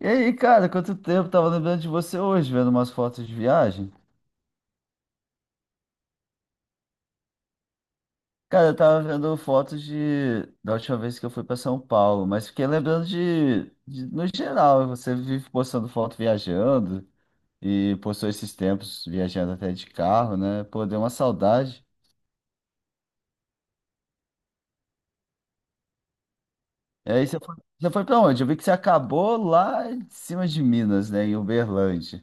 E aí, cara, quanto tempo? Tava lembrando de você hoje, vendo umas fotos de viagem. Cara, eu tava vendo fotos de da última vez que eu fui pra São Paulo, mas fiquei lembrando no geral, você vive postando foto viajando e postou esses tempos viajando até de carro, né? Pô, deu uma saudade. E aí você foi pra onde? Eu vi que você acabou lá em cima de Minas, né, em Uberlândia.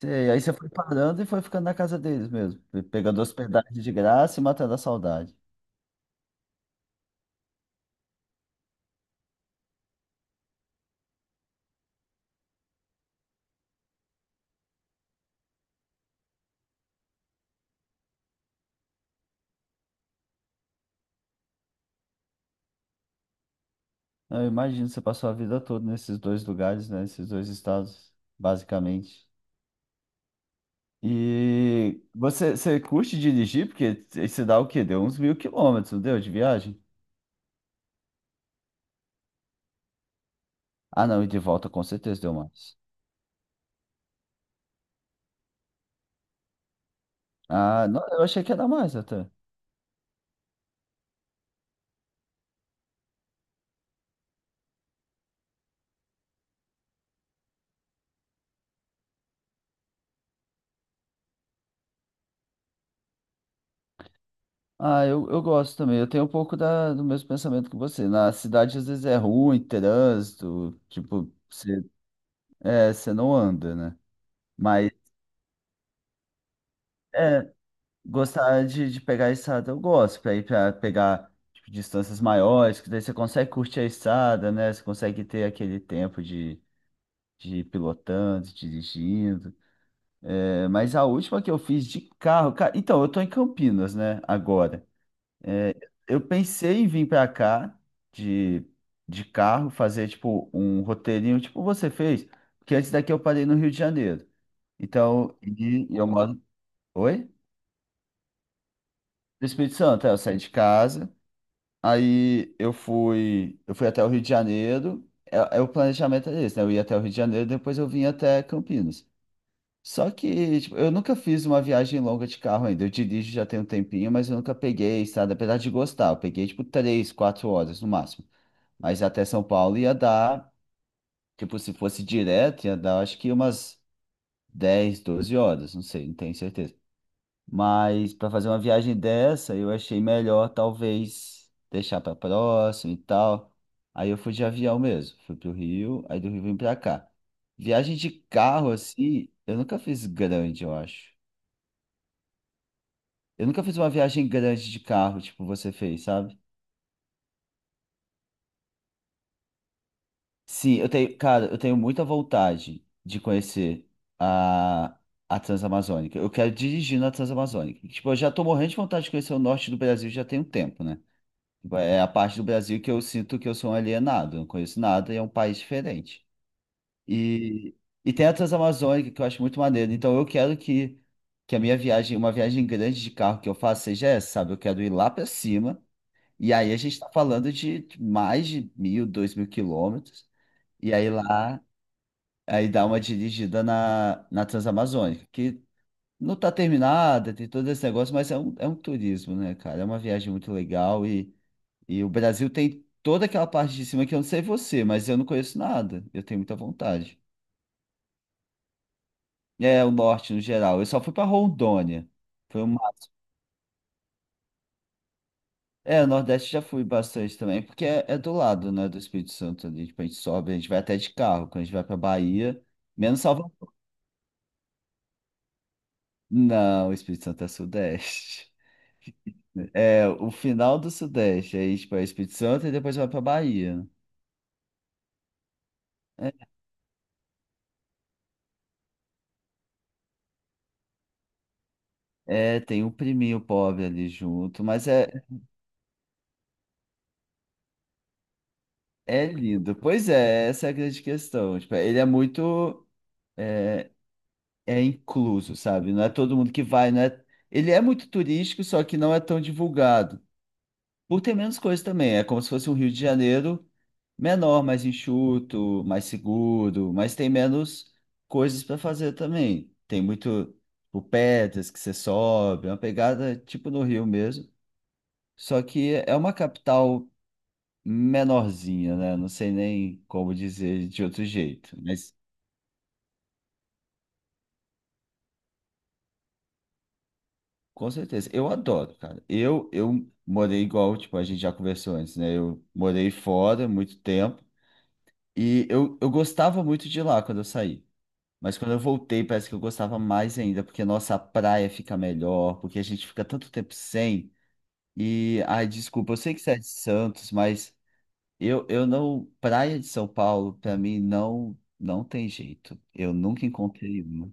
Sei, aí você foi parando e foi ficando na casa deles mesmo, pegando hospedagem de graça e matando a saudade. Eu imagino, você passou a vida toda nesses dois lugares, né? Nesses dois estados, basicamente. E você, você curte dirigir? Porque você dá o quê? Deu uns 1.000 quilômetros, não deu? De viagem? Ah, não, e de volta com certeza deu mais. Ah, não, eu achei que ia dar mais até. Ah, eu gosto também. Eu tenho um pouco da, do mesmo pensamento que você. Na cidade, às vezes é ruim, trânsito, tipo, você, é, você não anda, né? Mas. É, gostar de pegar estrada, eu gosto, para ir para pegar tipo, distâncias maiores, que daí você consegue curtir a estrada, né? Você consegue ter aquele tempo de ir pilotando, dirigindo. É, mas a última que eu fiz de carro, então, eu tô em Campinas, né, agora. É, eu pensei em vir para cá de, de carro, fazer tipo um roteirinho, tipo você fez, porque antes daqui eu parei no Rio de Janeiro. Então, e eu moro. Oi? Do Espírito Santo, é, eu saí de casa. Aí eu fui até o Rio de Janeiro. É, é o planejamento era esse, né? Eu ia até o Rio de Janeiro, depois eu vim até Campinas. Só que, tipo, eu nunca fiz uma viagem longa de carro ainda. Eu dirijo já tem um tempinho, mas eu nunca peguei estrada, apesar de gostar. Eu peguei, tipo, 3, 4 horas no máximo. Mas até São Paulo ia dar, tipo, se fosse direto, ia dar, acho que umas 10, 12 horas, não sei, não tenho certeza. Mas para fazer uma viagem dessa, eu achei melhor talvez deixar para próximo e tal. Aí eu fui de avião mesmo, fui pro Rio, aí do Rio vim para cá. Viagem de carro assim, eu nunca fiz grande, eu acho. Eu nunca fiz uma viagem grande de carro, tipo você fez, sabe? Sim, eu tenho, cara, eu tenho muita vontade de conhecer a a Transamazônica. Eu quero dirigir na Transamazônica. Tipo, eu já tô morrendo de vontade de conhecer o norte do Brasil já tem um tempo, né? É a parte do Brasil que eu sinto que eu sou um alienado, não conheço nada e é um país diferente. E, e tem a Transamazônica que eu acho muito maneiro. Então eu quero que a minha viagem, uma viagem grande de carro que eu faço seja essa, sabe? Eu quero ir lá para cima. E aí a gente está falando de mais de 1.000, 2.000 quilômetros. E aí lá, aí dá uma dirigida na, na Transamazônica, que não está terminada, tem todo esse negócio, mas é um, turismo, né, cara? É uma viagem muito legal e o Brasil tem toda aquela parte de cima que eu não sei você, mas eu não conheço nada. Eu tenho muita vontade. É, o norte no geral. Eu só fui para Rondônia. Foi uma... É, o Nordeste já fui bastante também, porque é do lado, né, do Espírito Santo ali. Tipo, a gente sobe, a gente vai até de carro. Quando a gente vai para Bahia, menos Salvador. Não, o Espírito Santo é Sudeste. É, o final do Sudeste. Aí, tipo, é Espírito Santo e depois vai para Bahia. É, é, tem o priminho pobre ali junto, mas é. É lindo. Pois é, essa é a grande questão. Tipo, ele é muito é, é incluso, sabe? Não é todo mundo que vai, não é... Ele é muito turístico, só que não é tão divulgado. Por ter menos coisas também. É como se fosse um Rio de Janeiro menor, mais enxuto, mais seguro, mas tem menos coisas para fazer também. Tem muito, tipo, pedras que você sobe, é uma pegada tipo no Rio mesmo. Só que é uma capital menorzinha, né? Não sei nem como dizer de outro jeito, mas com certeza, eu adoro, cara. Eu morei igual, tipo, a gente já conversou antes, né? Eu morei fora muito tempo e eu gostava muito de lá quando eu saí. Mas quando eu voltei, parece que eu gostava mais ainda, porque nossa, a praia fica melhor, porque a gente fica tanto tempo sem. E, ai, desculpa, eu sei que você é de Santos, mas eu não. Praia de São Paulo, pra mim, não, não tem jeito. Eu nunca encontrei uma.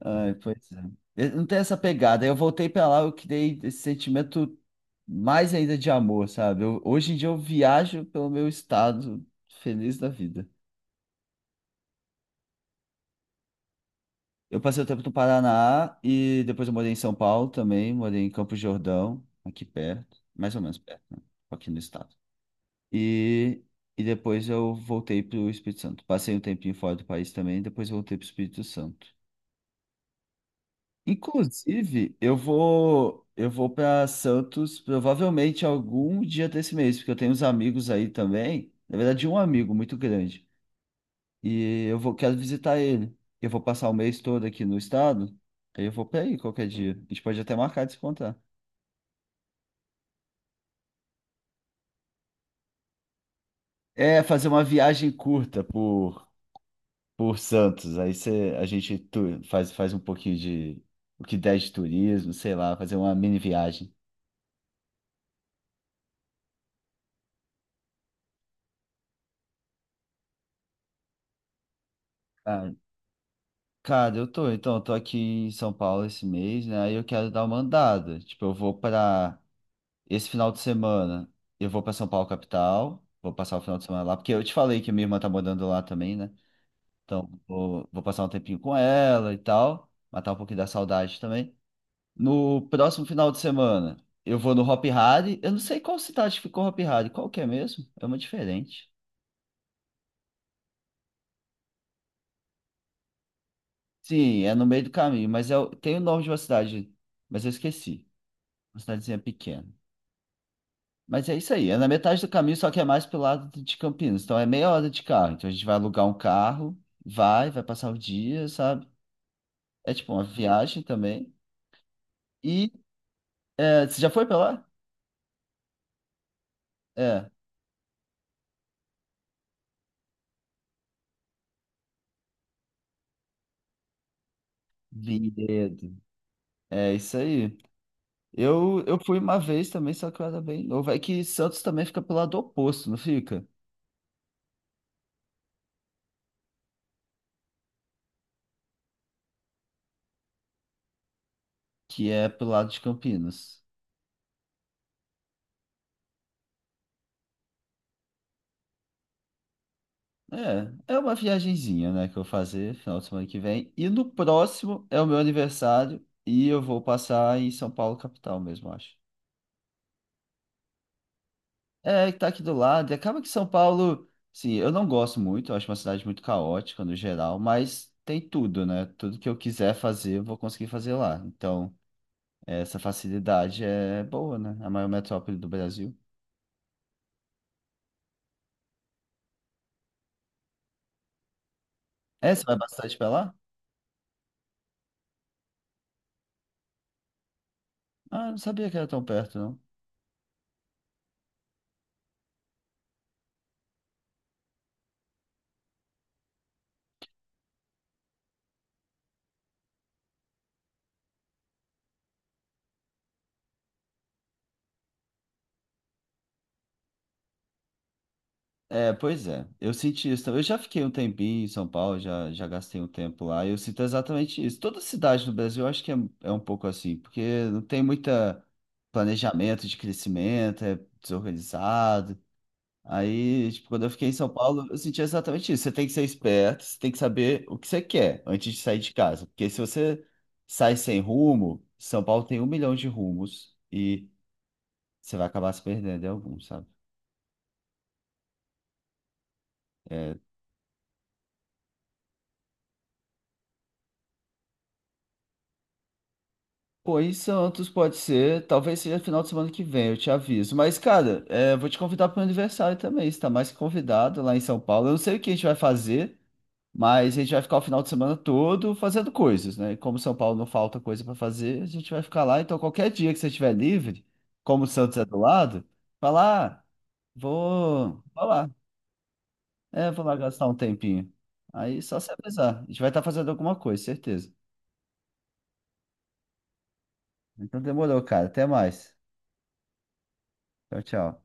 Ai, pois é. Eu não tem essa pegada. Eu voltei pra lá, eu criei esse sentimento mais ainda de amor, sabe? Hoje em dia eu viajo pelo meu estado, feliz da vida. Eu passei o tempo no Paraná e depois eu morei em São Paulo também, morei em Campos de Jordão, aqui perto, mais ou menos perto, né? Aqui no estado. E, e depois eu voltei pro Espírito Santo. Passei um tempinho fora do país também, depois voltei pro Espírito Santo. Inclusive, eu vou para Santos provavelmente algum dia desse mês, porque eu tenho uns amigos aí também. Na verdade, um amigo muito grande. E eu vou quero visitar ele. Eu vou passar o mês todo aqui no estado. Aí eu vou para aí qualquer dia. A gente pode até marcar de se encontrar. É fazer uma viagem curta por Santos. Aí você, a gente faz um pouquinho de o que der de turismo, sei lá, fazer uma mini viagem. Cara, então, eu tô aqui em São Paulo esse mês, né? Aí eu quero dar uma andada. Tipo, eu vou pra. Esse final de semana, eu vou pra São Paulo, capital. Vou passar o final de semana lá, porque eu te falei que minha irmã tá morando lá também, né? Então, vou passar um tempinho com ela e tal. Matar um pouquinho da saudade também. No próximo final de semana, eu vou no Hopi Hari. Eu não sei qual cidade ficou Hopi Hari. Qual que é mesmo? É uma diferente. Sim, é no meio do caminho, mas é, o- tem o nome de uma cidade, mas eu esqueci. Uma cidadezinha pequena. Mas é isso aí, é na metade do caminho, só que é mais pro lado de Campinas. Então é meia hora de carro. Então a gente vai alugar um carro, vai passar o dia, sabe? É tipo uma viagem também. E é, você já foi pra lá? É, Vinhedo. É isso aí. Eu fui uma vez também, só que eu era bem novo. É que Santos também fica pro lado oposto, não fica? Que é pro lado de Campinas. É, é uma viagenzinha, né, que eu vou fazer final de semana que vem. E no próximo é o meu aniversário e eu vou passar em São Paulo, capital mesmo, acho. É, que tá aqui do lado. E acaba que São Paulo, sim, eu não gosto muito, eu acho uma cidade muito caótica no geral, mas tem tudo, né? Tudo que eu quiser fazer, eu vou conseguir fazer lá. Então, essa facilidade é boa, né? É a maior metrópole do Brasil. É, você vai bastante pra lá? Ah, não sabia que era tão perto, não. É, pois é. Eu senti isso também. Eu já fiquei um tempinho em São Paulo, já gastei um tempo lá. E eu sinto exatamente isso. Toda cidade no Brasil, eu acho que é, é um pouco assim, porque não tem muita planejamento de crescimento, é desorganizado. Aí, tipo, quando eu fiquei em São Paulo, eu senti exatamente isso. Você tem que ser esperto, você tem que saber o que você quer antes de sair de casa. Porque se você sai sem rumo, São Paulo tem um milhão de rumos e você vai acabar se perdendo em algum, sabe? É, pô, em Santos pode ser, talvez seja final de semana que vem, eu te aviso. Mas, cara, é, vou te convidar para o aniversário também, você tá mais que convidado lá em São Paulo. Eu não sei o que a gente vai fazer, mas a gente vai ficar o final de semana todo fazendo coisas, né? E como São Paulo não falta coisa para fazer, a gente vai ficar lá. Então, qualquer dia que você estiver livre, como o Santos é do lado, fala, ah, vou lá. É, vou lá gastar um tempinho. Aí só se avisar, a gente vai estar fazendo alguma coisa, certeza. Então demorou, cara, até mais. Tchau, tchau.